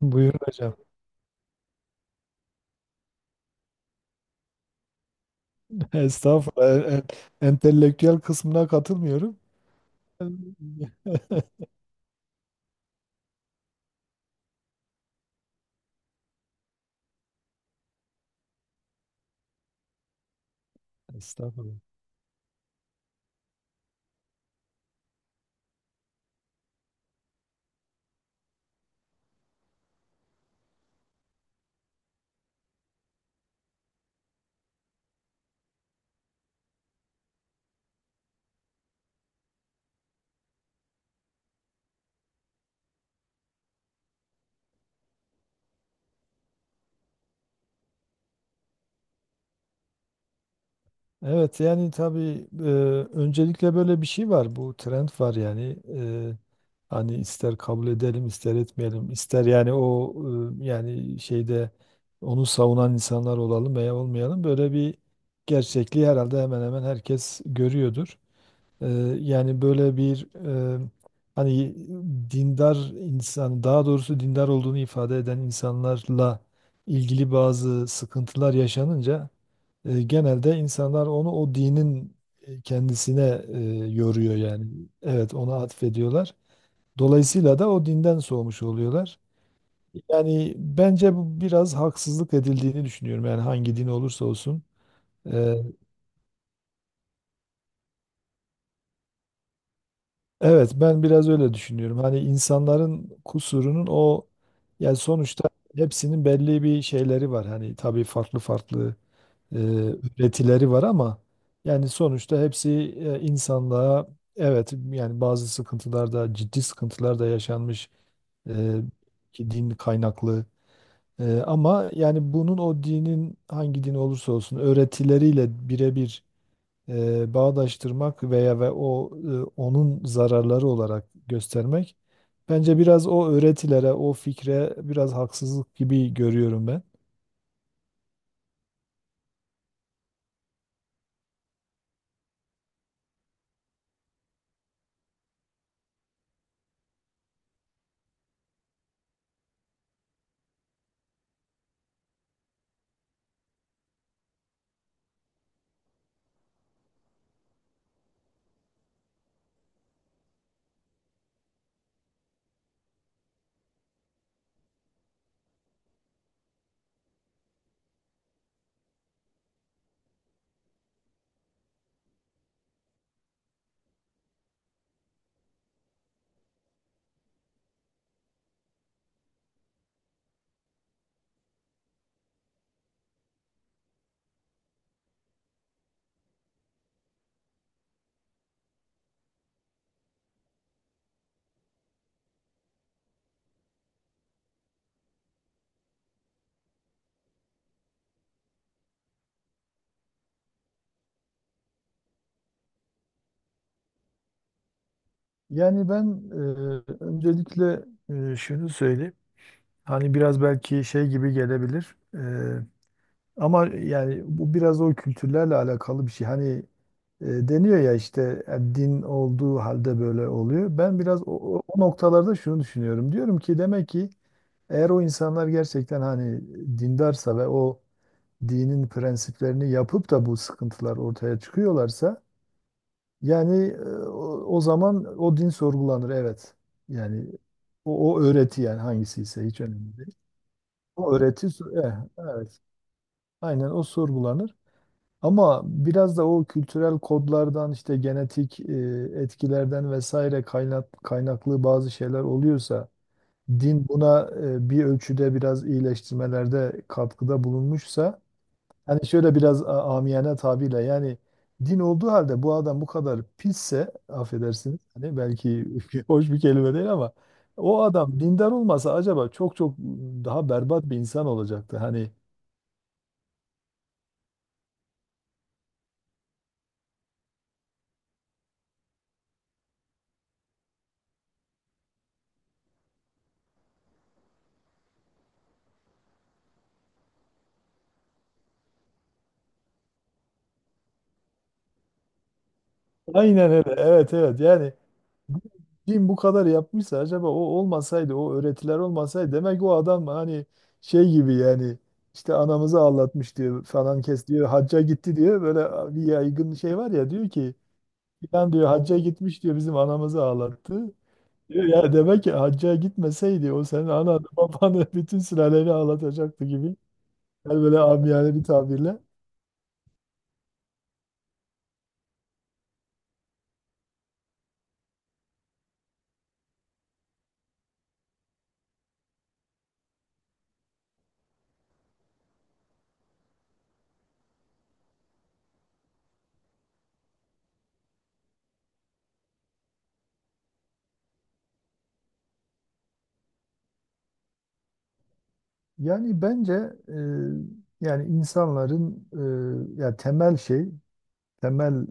Buyurun hocam. Estağfurullah. Entelektüel kısmına katılmıyorum. Estağfurullah. Evet, yani tabii, öncelikle böyle bir şey var. Bu trend var yani. Hani ister kabul edelim, ister etmeyelim, ister yani o, yani şeyde onu savunan insanlar olalım veya olmayalım. Böyle bir gerçekliği herhalde hemen hemen herkes görüyordur. Ee, Yani böyle bir, e, hani dindar insan, daha doğrusu dindar olduğunu ifade eden insanlarla ilgili bazı sıkıntılar yaşanınca genelde insanlar onu o dinin kendisine yoruyor yani. Evet, ona atfediyorlar. Dolayısıyla da o dinden soğumuş oluyorlar. Yani bence bu biraz haksızlık edildiğini düşünüyorum. Yani hangi din olursa olsun. Ee, Evet, ben biraz öyle düşünüyorum. Hani insanların kusurunun o, yani sonuçta hepsinin belli bir şeyleri var. Hani tabii farklı farklı e, üretileri var ama yani sonuçta hepsi, insanlığa, evet yani bazı sıkıntılar da, ciddi sıkıntılar da yaşanmış, e, ki din kaynaklı. Ama yani bunun o dinin, hangi din olursa olsun, öğretileriyle birebir bağdaştırmak veya, ve o, onun zararları olarak göstermek bence biraz o öğretilere, o fikre biraz haksızlık gibi görüyorum ben. Yani ben, öncelikle, şunu söyleyeyim. Hani biraz belki şey gibi gelebilir. Ama yani bu biraz o kültürlerle alakalı bir şey. Hani deniyor ya işte, din olduğu halde böyle oluyor. Ben biraz o noktalarda şunu düşünüyorum. Diyorum ki demek ki, eğer o insanlar gerçekten hani dindarsa ve o dinin prensiplerini yapıp da bu sıkıntılar ortaya çıkıyorlarsa, yani o zaman o din sorgulanır, evet. Yani o öğreti, yani hangisiyse, hiç önemli değil. O öğreti evet. Aynen o sorgulanır. Ama biraz da o kültürel kodlardan, işte genetik etkilerden vesaire, kaynaklı bazı şeyler oluyorsa, din buna bir ölçüde biraz iyileştirmelerde katkıda bulunmuşsa, hani şöyle biraz amiyane tabirle, yani din olduğu halde bu adam bu kadar pisse, affedersiniz, hani belki hoş bir kelime değil ama o adam dindar olmasa acaba çok çok daha berbat bir insan olacaktı hani. Aynen öyle, evet, evet, yani. Din bu kadar yapmışsa acaba, o olmasaydı, o öğretiler olmasaydı, demek o adam hani şey gibi yani. İşte anamızı ağlatmış diyor falan, kes diyor hacca gitti diyor. Böyle bir yaygın şey var ya, diyor ki, falan diyor, hacca gitmiş diyor, bizim anamızı ağlattı. Diyor ya, demek ki hacca gitmeseydi o senin ananı babanı, bütün sülaleni ağlatacaktı gibi. Yani böyle amiyane bir tabirle. Yani bence, e, yani insanların, ya temel şey, temel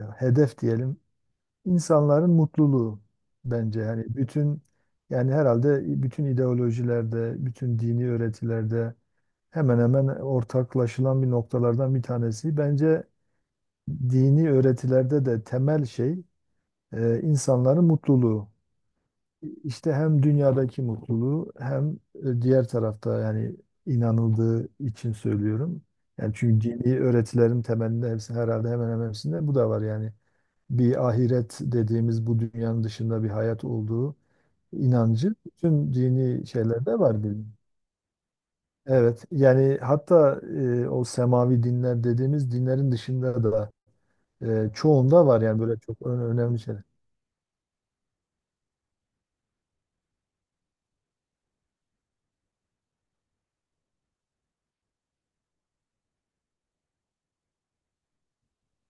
hedef diyelim, insanların mutluluğu bence yani bütün, yani herhalde bütün ideolojilerde, bütün dini öğretilerde hemen hemen ortaklaşılan bir noktalardan bir tanesi bence dini öğretilerde de temel şey, insanların mutluluğu. İşte hem dünyadaki mutluluğu hem diğer tarafta, yani inanıldığı için söylüyorum. Yani çünkü dini öğretilerin temelinde, hepsi herhalde, hemen hemen hepsinde bu da var yani, bir ahiret dediğimiz bu dünyanın dışında bir hayat olduğu inancı bütün dini şeylerde var bir. Evet yani, hatta, o semavi dinler dediğimiz dinlerin dışında da, çoğunda var yani böyle çok önemli şeyler.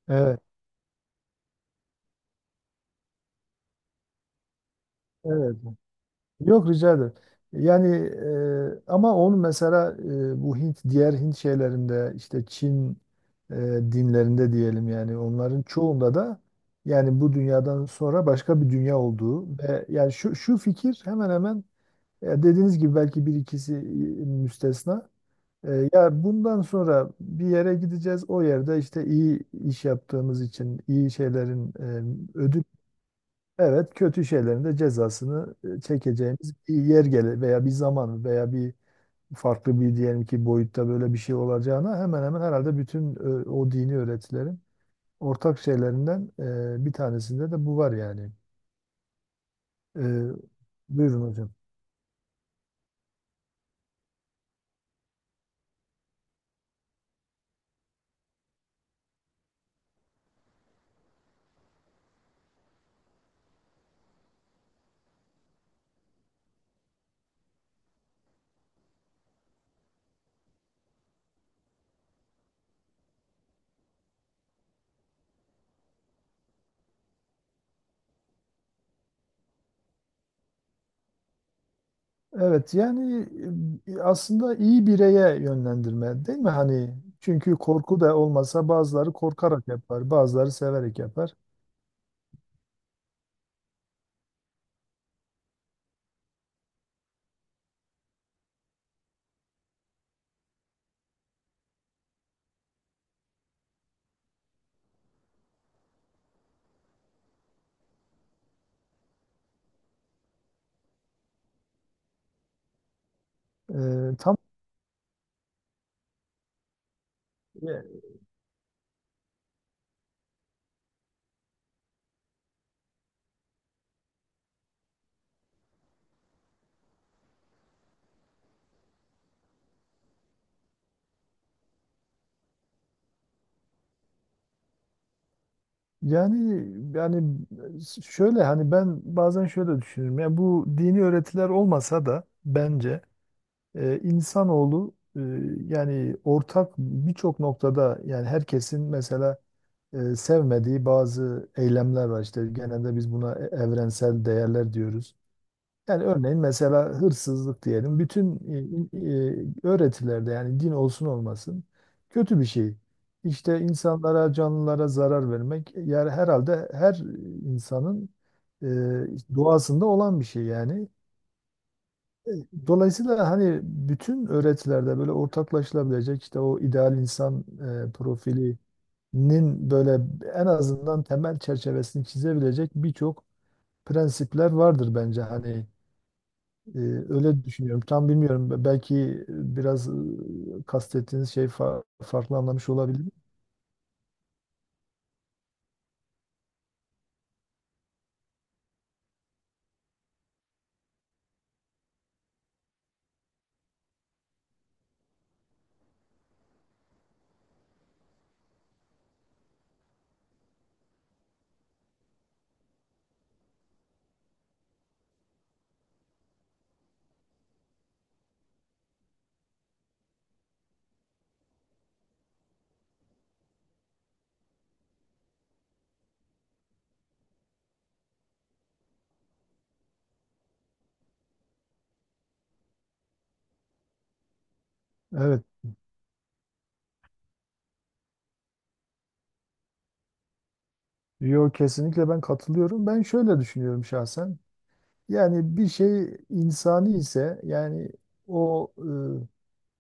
Evet, evet. Yok, rica ederim. Yani, ama onu mesela, bu Hint, diğer Hint şeylerinde, işte Çin e, dinlerinde diyelim, yani onların çoğunda da, yani bu dünyadan sonra başka bir dünya olduğu ve yani şu fikir hemen hemen, dediğiniz gibi belki bir ikisi müstesna. Ya bundan sonra bir yere gideceğiz. O yerde işte iyi iş yaptığımız için iyi şeylerin ödül. Evet, kötü şeylerin de cezasını çekeceğimiz bir yer gele veya bir zaman veya bir, farklı bir diyelim ki, boyutta böyle bir şey olacağına hemen hemen herhalde bütün o dini öğretilerin ortak şeylerinden bir tanesinde de bu var yani. E, Buyurun hocam. Evet yani, aslında iyi bireye yönlendirme değil mi? Hani çünkü korku da olmasa, bazıları korkarak yapar, bazıları severek yapar. E, tam e, Yani yani şöyle, hani ben bazen şöyle düşünüyorum. Ya bu dini öğretiler olmasa da bence, insanoğlu, yani ortak birçok noktada, yani herkesin mesela sevmediği bazı eylemler var. İşte genelde biz buna evrensel değerler diyoruz. Yani örneğin, mesela, hırsızlık diyelim. Bütün e, öğretilerde, yani din olsun olmasın, kötü bir şey. İşte insanlara, canlılara zarar vermek, yani herhalde her insanın e, doğasında olan bir şey yani. E, Dolayısıyla hani bütün öğretilerde böyle ortaklaşılabilecek, işte o ideal insan profilinin böyle en azından temel çerçevesini çizebilecek birçok prensipler vardır bence. Hani ee, öyle düşünüyorum. Tam bilmiyorum. Belki biraz kastettiğiniz şey farklı anlamış olabilir. Evet. Yo, kesinlikle ben katılıyorum. Ben şöyle düşünüyorum şahsen. Yani bir şey insani ise, yani o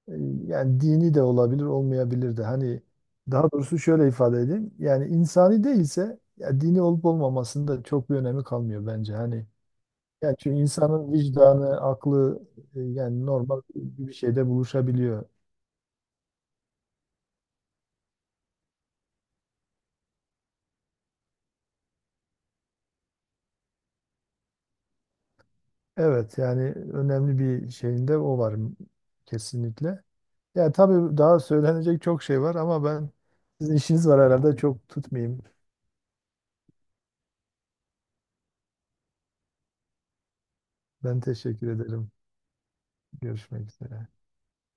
e, e, yani dini de olabilir, olmayabilir de. Hani daha doğrusu şöyle ifade edeyim. Yani insani değilse ya, dini olup olmamasının da çok bir önemi kalmıyor bence. Hani yani çünkü insanın vicdanı, aklı, yani normal bir şeyde buluşabiliyor. Evet yani önemli bir şeyinde o var, kesinlikle. Ya tabii daha söylenecek çok şey var ama ben, sizin işiniz var herhalde, çok tutmayayım. Ben teşekkür ederim. Görüşmek üzere.